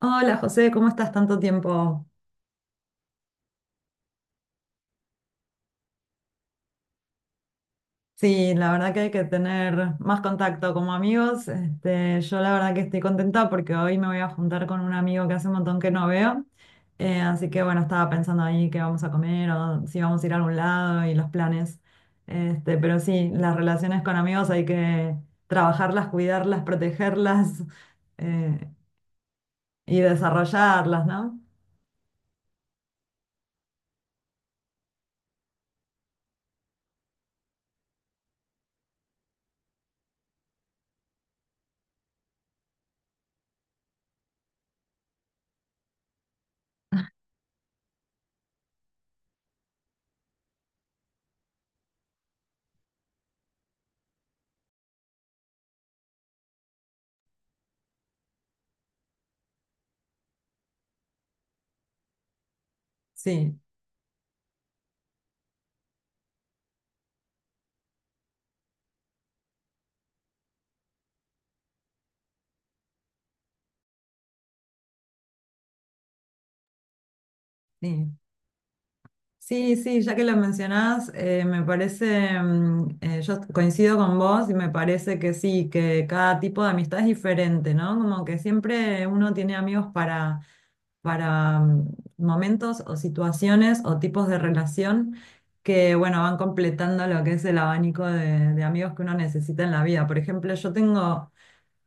Hola José, ¿cómo estás tanto tiempo? Sí, la verdad que hay que tener más contacto como amigos. Yo la verdad que estoy contenta porque hoy me voy a juntar con un amigo que hace un montón que no veo. Así que bueno, estaba pensando ahí qué vamos a comer o si vamos a ir a algún lado y los planes. Pero sí, las relaciones con amigos hay que trabajarlas, cuidarlas, protegerlas eh, y desarrollarlas, ¿no? Sí, sí. Sí, sí, ya que lo mencionás, me parece, yo coincido con vos y me parece que sí, que cada tipo de amistad es diferente, ¿no? Como que siempre uno tiene amigos para, para momentos o situaciones o tipos de relación que, bueno, van completando lo que es el abanico de amigos que uno necesita en la vida. Por ejemplo, yo tengo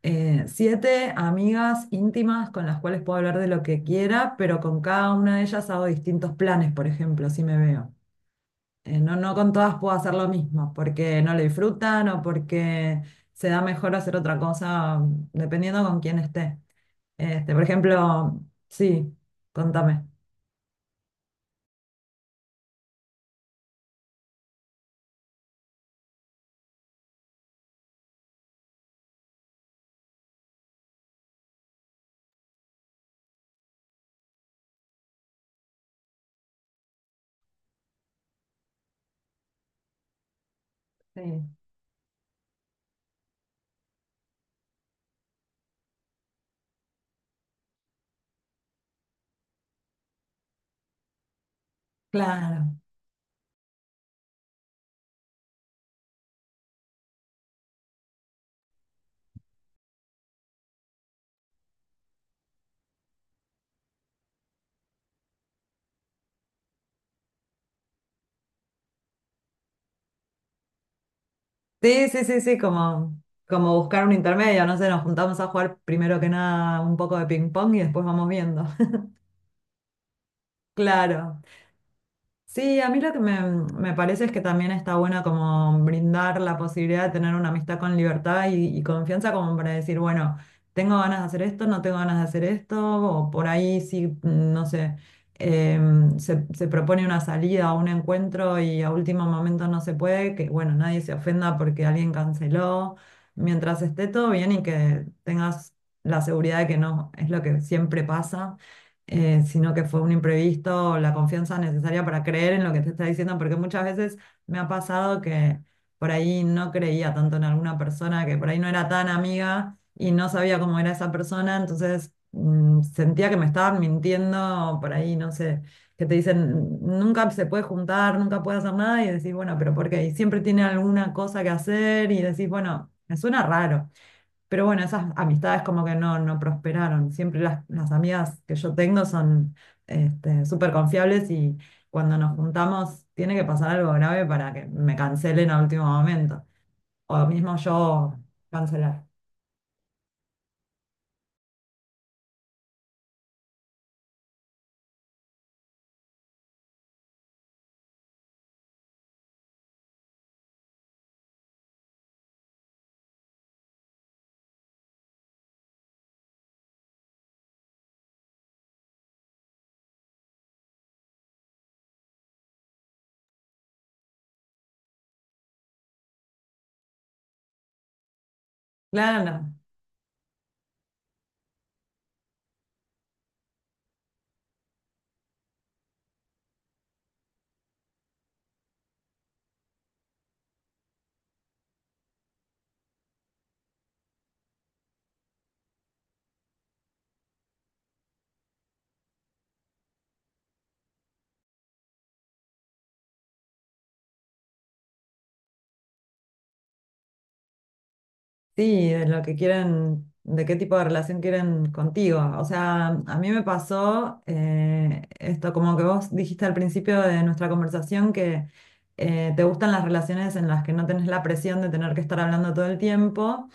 siete amigas íntimas con las cuales puedo hablar de lo que quiera, pero con cada una de ellas hago distintos planes, por ejemplo, si me veo. No, no con todas puedo hacer lo mismo, porque no lo disfrutan o porque se da mejor hacer otra cosa, dependiendo con quién esté. Por ejemplo, sí, contame. Sí, claro. Sí, sí, sí, sí, como, como buscar un intermedio, no sé, nos juntamos a jugar primero que nada un poco de ping pong y después vamos viendo. Claro. Sí, a mí lo que me parece es que también está bueno como brindar la posibilidad de tener una amistad con libertad y confianza como para decir, bueno, tengo ganas de hacer esto, no tengo ganas de hacer esto, o por ahí sí, no sé, se propone una salida o un encuentro y a último momento no se puede, que bueno, nadie se ofenda porque alguien canceló, mientras esté todo bien y que tengas la seguridad de que no es lo que siempre pasa sino que fue un imprevisto, la confianza necesaria para creer en lo que te está diciendo, porque muchas veces me ha pasado que por ahí no creía tanto en alguna persona, que por ahí no era tan amiga y no sabía cómo era esa persona, entonces sentía que me estaban mintiendo por ahí, no sé, que te dicen, nunca se puede juntar, nunca puede hacer nada y decís, bueno, pero ¿por qué? Y siempre tiene alguna cosa que hacer y decís, bueno, me suena raro. Pero bueno, esas amistades como que no, no prosperaron. Siempre las amigas que yo tengo son súper confiables y cuando nos juntamos tiene que pasar algo grave para que me cancelen a último momento. O mismo yo cancelar. Claro, no. Sí, de lo que quieren, de qué tipo de relación quieren contigo. O sea, a mí me pasó esto, como que vos dijiste al principio de nuestra conversación que te gustan las relaciones en las que no tenés la presión de tener que estar hablando todo el tiempo,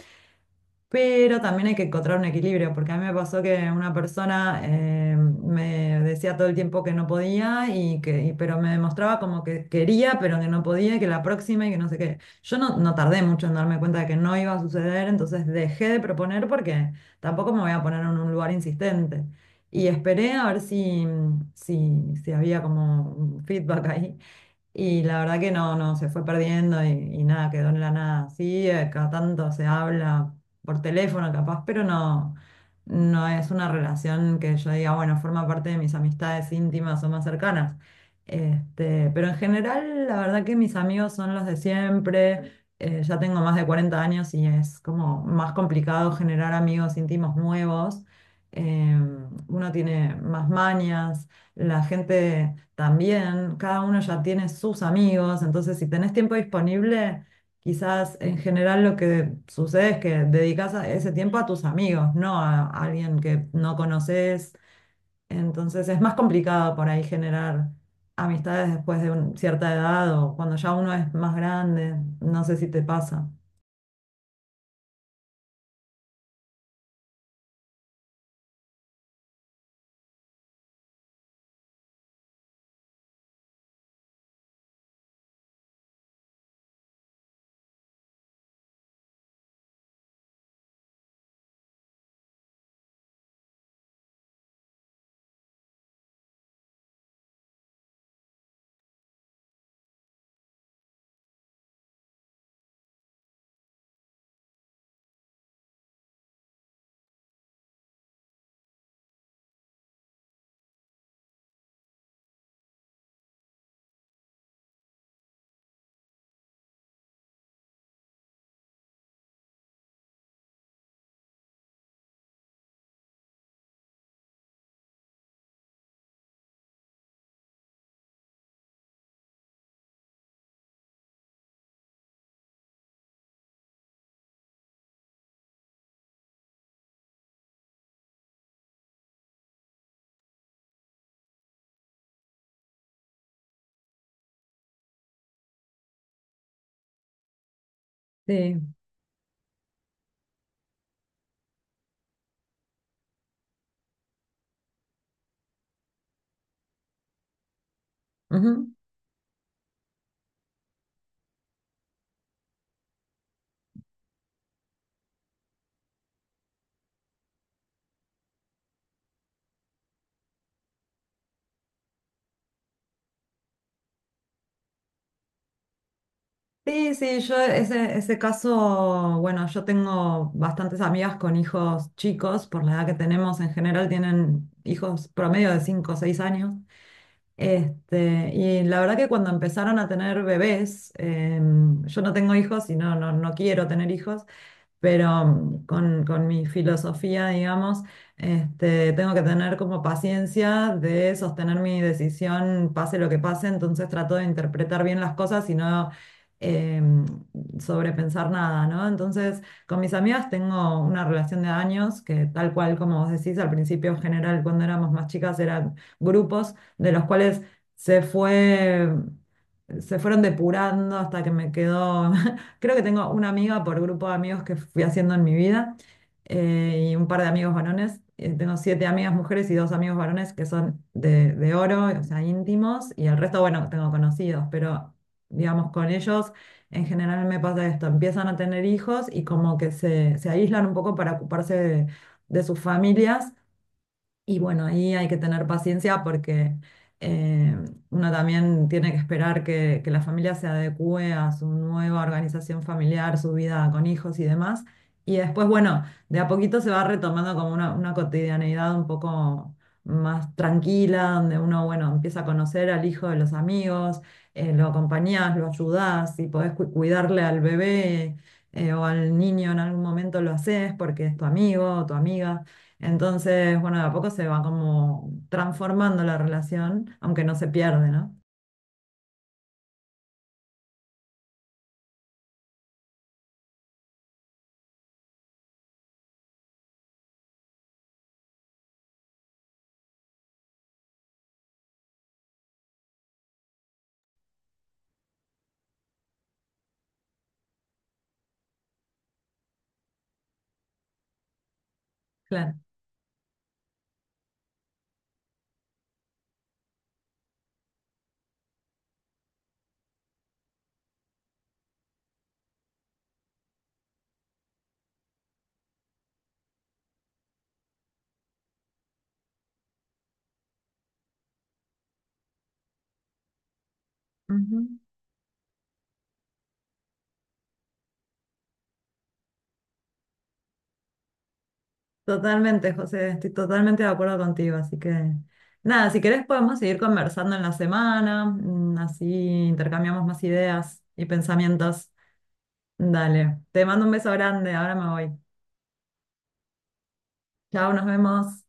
pero también hay que encontrar un equilibrio, porque a mí me pasó que una persona me decía todo el tiempo que no podía, pero me demostraba como que quería, pero que no podía, y que la próxima y que no sé qué. Yo no tardé mucho en darme cuenta de que no iba a suceder, entonces dejé de proponer porque tampoco me voy a poner en un lugar insistente. Y esperé a ver si, si había como un feedback ahí. Y la verdad que no, se fue perdiendo y nada, quedó en la nada. Sí, cada tanto se habla por teléfono capaz, pero no es una relación que yo diga, bueno, forma parte de mis amistades íntimas o más cercanas. Pero en general, la verdad que mis amigos son los de siempre. Ya tengo más de 40 años y es como más complicado generar amigos íntimos nuevos. Uno tiene más mañas, la gente también, cada uno ya tiene sus amigos, entonces si tenés tiempo disponible, quizás en general lo que sucede es que dedicas ese tiempo a tus amigos, no a alguien que no conoces, entonces es más complicado por ahí generar amistades después de cierta edad o cuando ya uno es más grande, no sé si te pasa. Sí. Ujú. Sí, sí, yo ese, ese caso, bueno, yo tengo bastantes amigas con hijos chicos, por la edad que tenemos en general tienen hijos promedio de 5 o 6 años. Y la verdad que cuando empezaron a tener bebés, yo no tengo hijos y no, no, no quiero tener hijos, pero con mi filosofía, digamos, tengo que tener como paciencia de sostener mi decisión, pase lo que pase, entonces trato de interpretar bien las cosas y no eh, sobrepensar nada, ¿no? Entonces, con mis amigas tengo una relación de años que tal cual como vos decís, al principio en general cuando éramos más chicas eran grupos de los cuales se fue se fueron depurando hasta que me quedó Creo que tengo una amiga por grupo de amigos que fui haciendo en mi vida y un par de amigos varones. Tengo siete amigas mujeres y dos amigos varones que son de oro, o sea, íntimos, y el resto, bueno, tengo conocidos, pero digamos, con ellos en general me pasa esto, empiezan a tener hijos y como que se aíslan un poco para ocuparse de sus familias. Y bueno, ahí hay que tener paciencia porque eh, uno también tiene que esperar que la familia se adecue a su nueva organización familiar, su vida con hijos y demás. Y después, bueno, de a poquito se va retomando como una cotidianeidad un poco más tranquila, donde uno, bueno, empieza a conocer al hijo de los amigos, lo acompañás, lo ayudás y podés cuidarle al bebé o al niño en algún momento lo haces porque es tu amigo o tu amiga. Entonces, bueno, de a poco se va como transformando la relación, aunque no se pierde, ¿no? Claro. Ujú. Totalmente, José, estoy totalmente de acuerdo contigo, así que nada, si querés podemos seguir conversando en la semana, así intercambiamos más ideas y pensamientos. Dale, te mando un beso grande, ahora me voy. Chao, nos vemos.